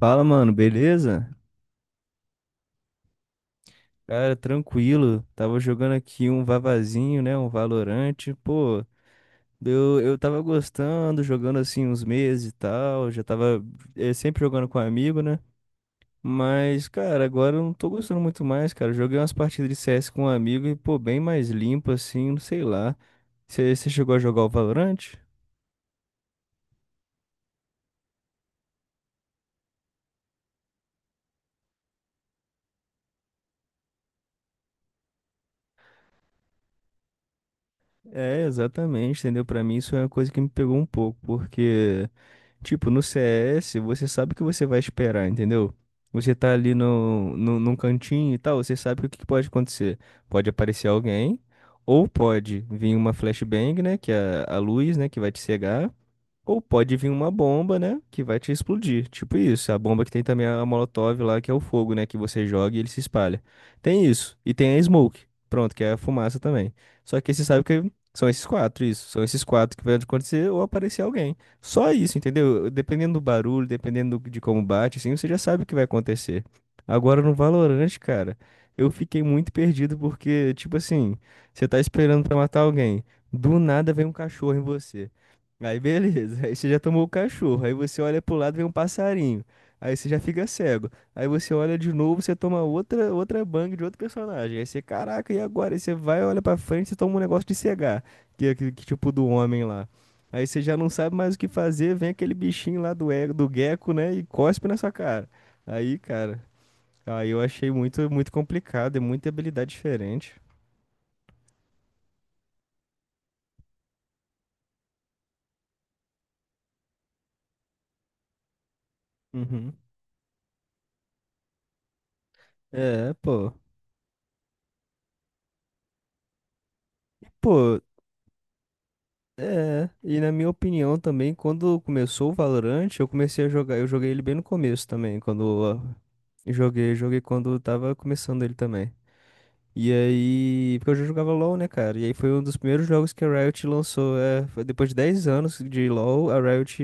Fala, mano, beleza? Cara, tranquilo. Tava jogando aqui um Vavazinho, né? Um Valorante. Pô, eu tava gostando, jogando assim uns meses e tal. Já tava sempre jogando com amigo, né? Mas, cara, agora eu não tô gostando muito mais, cara. Joguei umas partidas de CS com um amigo e, pô, bem mais limpo assim, não sei lá. Você chegou a jogar o Valorante? É, exatamente, entendeu? Pra mim isso é uma coisa que me pegou um pouco, porque. Tipo, no CS, você sabe o que você vai esperar, entendeu? Você tá ali no, no, num cantinho e tal, você sabe que o que que pode acontecer. Pode aparecer alguém, ou pode vir uma flashbang, né? Que é a luz, né? Que vai te cegar. Ou pode vir uma bomba, né? Que vai te explodir. Tipo isso. A bomba que tem também a Molotov lá, que é o fogo, né? Que você joga e ele se espalha. Tem isso. E tem a Smoke. Pronto, que é a fumaça também. Só que você sabe que são esses quatro, isso. São esses quatro que vai acontecer ou aparecer alguém. Só isso, entendeu? Dependendo do barulho, dependendo de como bate, assim, você já sabe o que vai acontecer. Agora no Valorant, cara, eu fiquei muito perdido porque, tipo assim, você tá esperando pra matar alguém. Do nada vem um cachorro em você. Aí beleza, aí você já tomou o cachorro, aí você olha pro lado e vem um passarinho, aí você já fica cego, aí você olha de novo, você toma outra bang de outro personagem, aí você, caraca, e agora? Aí você vai, olha pra frente e toma um negócio de cegar, que tipo do homem lá. Aí você já não sabe mais o que fazer, vem aquele bichinho lá do gecko, né, e cospe na sua cara. Aí, cara, aí eu achei muito complicado, é muita habilidade diferente. Uhum. É, pô. Pô, é, e na minha opinião também, quando começou o Valorant, eu comecei a jogar, eu joguei ele bem no começo também, quando ah, joguei quando tava começando ele também. E aí, porque eu já jogava LoL, né, cara? E aí foi um dos primeiros jogos que a Riot lançou, é, foi depois de 10 anos de LoL, a Riot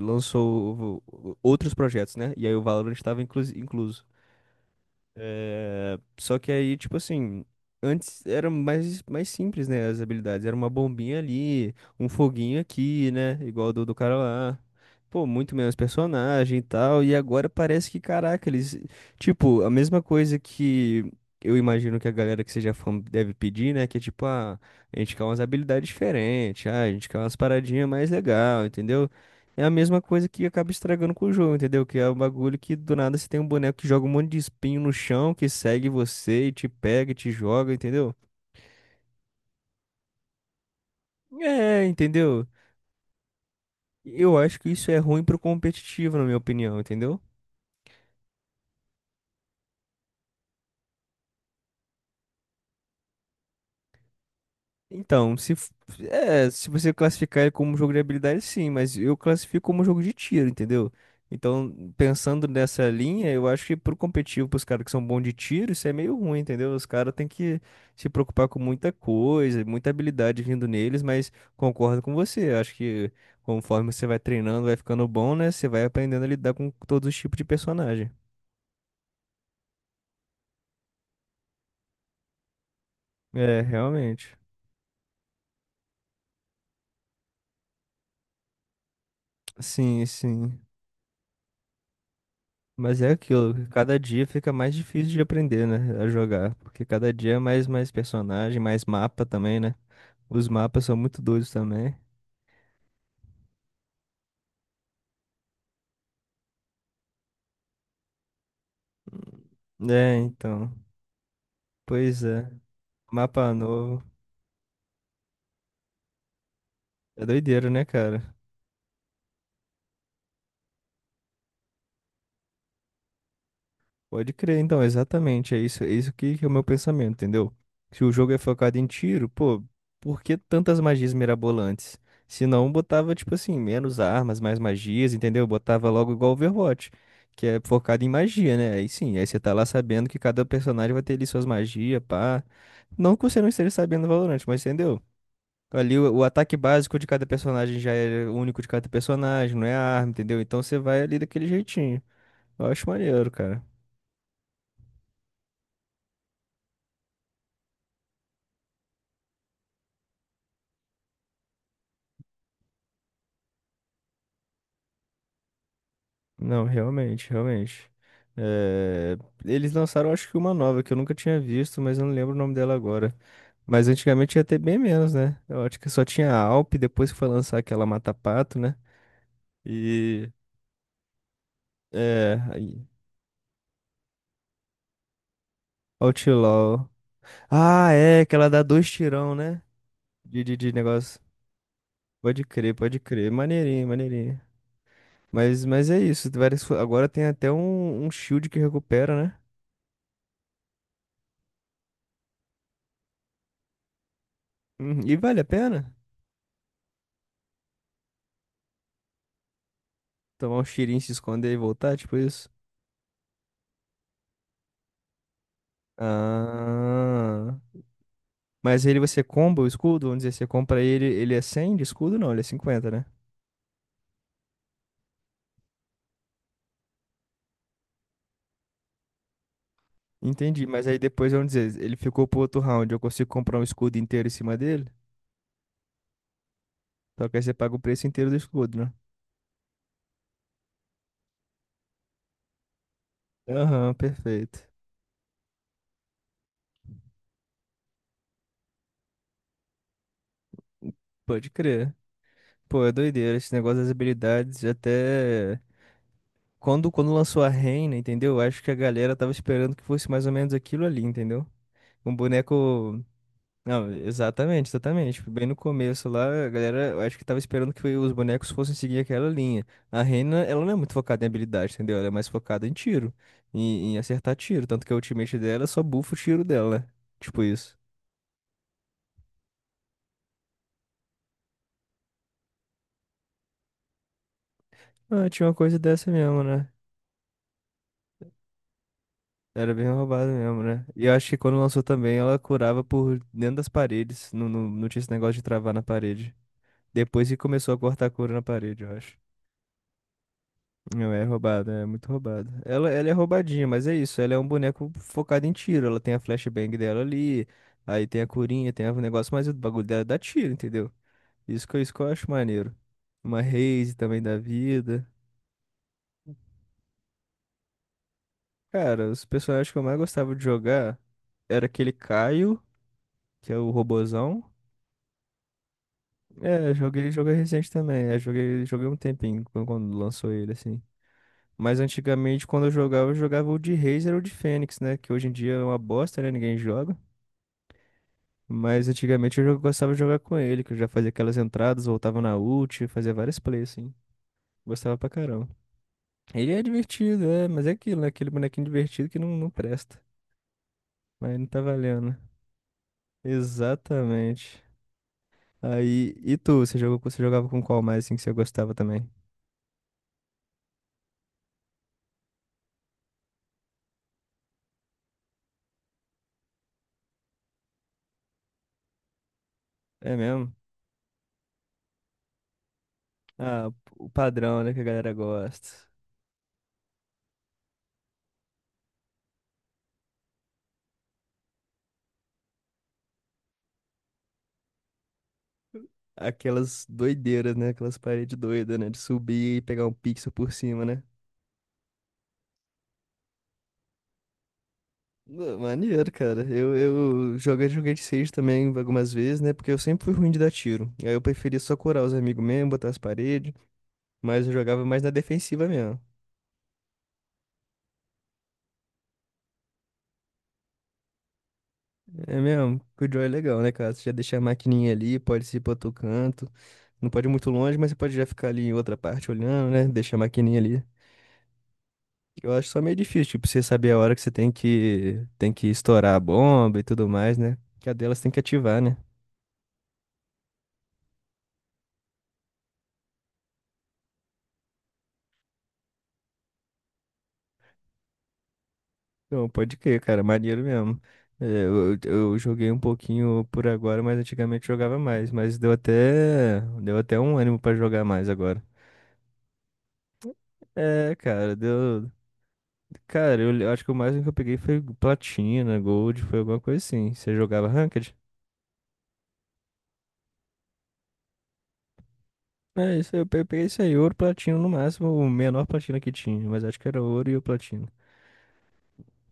lançou outros projetos, né? E aí o Valorant estava incluso. É, só que aí, tipo assim, antes era mais simples, né? As habilidades. Era uma bombinha ali, um foguinho aqui, né? Igual do cara lá. Pô, muito menos personagem e tal. E agora parece que, caraca, eles. Tipo, a mesma coisa que eu imagino que a galera que seja fã deve pedir, né? Que é tipo, ah, a gente quer umas habilidades diferentes, ah, a gente quer umas paradinhas mais legal, entendeu? É a mesma coisa que acaba estragando com o jogo, entendeu? Que é um bagulho que do nada você tem um boneco que joga um monte de espinho no chão, que segue você e te pega e te joga, entendeu? É, entendeu? Eu acho que isso é ruim pro competitivo, na minha opinião, entendeu? Então, se, f- é, se você classificar ele como jogo de habilidade, sim, mas eu classifico como jogo de tiro, entendeu? Então, pensando nessa linha, eu acho que pro competitivo, pros caras que são bons de tiro, isso é meio ruim, entendeu? Os caras têm que se preocupar com muita coisa, muita habilidade vindo neles, mas concordo com você. Eu Acho que conforme você vai treinando, vai ficando bom, né? Você vai aprendendo a lidar com todos os tipos de personagem. É, realmente. Sim, sim. Mas é aquilo, que cada dia fica mais difícil de aprender, né, a jogar, porque cada dia é mais personagem, mais mapa também, né? Os mapas são muito doidos também. É, então. Pois é. Mapa novo. É doideira, né, cara? Pode crer, então, exatamente. É isso que é o meu pensamento, entendeu? Se o jogo é focado em tiro, pô, por que tantas magias mirabolantes? Se não, botava, tipo assim, menos armas, mais magias, entendeu? Botava logo igual Overwatch, que é focado em magia, né? Aí sim, aí você tá lá sabendo que cada personagem vai ter ali suas magias, pá. Não que você não esteja sabendo do Valorant, mas entendeu? Ali o ataque básico de cada personagem já é único de cada personagem, não é a arma, entendeu? Então você vai ali daquele jeitinho. Eu acho maneiro, cara. Não, realmente. É, eles lançaram, acho que uma nova que eu nunca tinha visto, mas eu não lembro o nome dela agora. Mas antigamente ia ter bem menos, né? Eu acho que só tinha a Alp, depois que foi lançar aquela Mata Pato, né? E. É. Aí, Outlaw. Ah, é, que ela dá dois tirão, né? De negócio. Pode crer. Maneirinho. Mas é isso. Agora tem até um shield que recupera, né? Uhum, e vale a pena? Tomar um tirinho, se esconder e voltar, tipo isso? Ah. Mas ele você comba o escudo? Vamos dizer, você compra ele, ele é 100 de escudo? Não, ele é 50, né? Entendi, mas aí depois, vamos dizer, ele ficou pro outro round, eu consigo comprar um escudo inteiro em cima dele? Só que aí você paga o preço inteiro do escudo, né? Aham, perfeito. Pode crer. Pô, é doideira esse negócio das habilidades. Até quando lançou a Reina, entendeu? Eu Acho que a galera tava esperando que fosse mais ou menos aquilo ali, entendeu? Um boneco. Não, exatamente, exatamente. Tipo, bem no começo lá, a galera, eu acho que tava esperando que os bonecos fossem seguir aquela linha. A Reina, ela não é muito focada em habilidade, entendeu? Ela é mais focada em tiro, em acertar tiro. Tanto que a ultimate dela só bufa o tiro dela, né? Tipo isso. Ah, tinha uma coisa dessa mesmo, né? Era bem roubado mesmo, né? E eu acho que quando lançou também, ela curava por dentro das paredes. Não tinha esse negócio de travar na parede. Depois que começou a cortar a cura na parede, eu acho. Não, é roubada, é muito roubada. Ela é roubadinha, mas é isso. Ela é um boneco focado em tiro. Ela tem a flashbang dela ali, aí tem a curinha, tem o negócio, mas o bagulho dela dá tiro, entendeu? Isso que, isso que eu acho maneiro. Uma Raze também da vida. Cara, os personagens que eu mais gostava de jogar era aquele Caio, que é o robozão. É, joguei recente também. É, joguei um tempinho quando lançou ele, assim. Mas antigamente, quando eu jogava o de Razer ou de Fênix, né? Que hoje em dia é uma bosta, né? Ninguém joga. Mas antigamente eu já gostava de jogar com ele, que eu já fazia aquelas entradas, voltava na ult, fazia várias plays, assim. Gostava pra caramba. Ele é divertido, é, mas é aquilo, né? Aquele bonequinho divertido que não presta. Mas não tá valendo. Exatamente. Aí, e tu, você jogou, você jogava com qual mais, assim, que você gostava também? É mesmo? Ah, o padrão, né, que a galera gosta. Aquelas doideiras, né? Aquelas paredes doidas, né? De subir e pegar um pixel por cima, né? Maneiro, cara. Eu joguei, joguei de Sage também algumas vezes, né? Porque eu sempre fui ruim de dar tiro. Aí eu preferia só curar os amigos mesmo, botar as paredes. Mas eu jogava mais na defensiva mesmo. É mesmo, que o Joy é legal, né, cara? Você já deixa a maquininha ali, pode ir pra outro canto. Não pode ir muito longe, mas você pode já ficar ali em outra parte olhando, né? Deixa a maquininha ali. Eu acho só meio difícil, tipo, você saber a hora que você tem que estourar a bomba e tudo mais, né? Que a delas tem que ativar, né? Não, pode crer, cara, maneiro mesmo. É, eu joguei um pouquinho por agora, mas antigamente jogava mais, mas deu deu até um ânimo pra jogar mais agora. É, cara, deu. Cara, eu acho que o máximo que eu peguei foi platina, gold, foi alguma coisa assim. Você jogava ranked? É, isso aí, eu peguei isso aí, ouro, platino no máximo, o menor platina que tinha, mas acho que era ouro e o platino.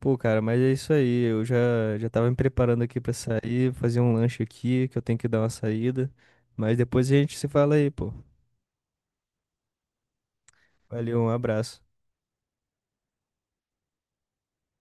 Pô, cara, mas é isso aí. Eu já, já tava me preparando aqui pra sair, fazer um lanche aqui, que eu tenho que dar uma saída. Mas depois a gente se fala aí, pô. Valeu, um abraço.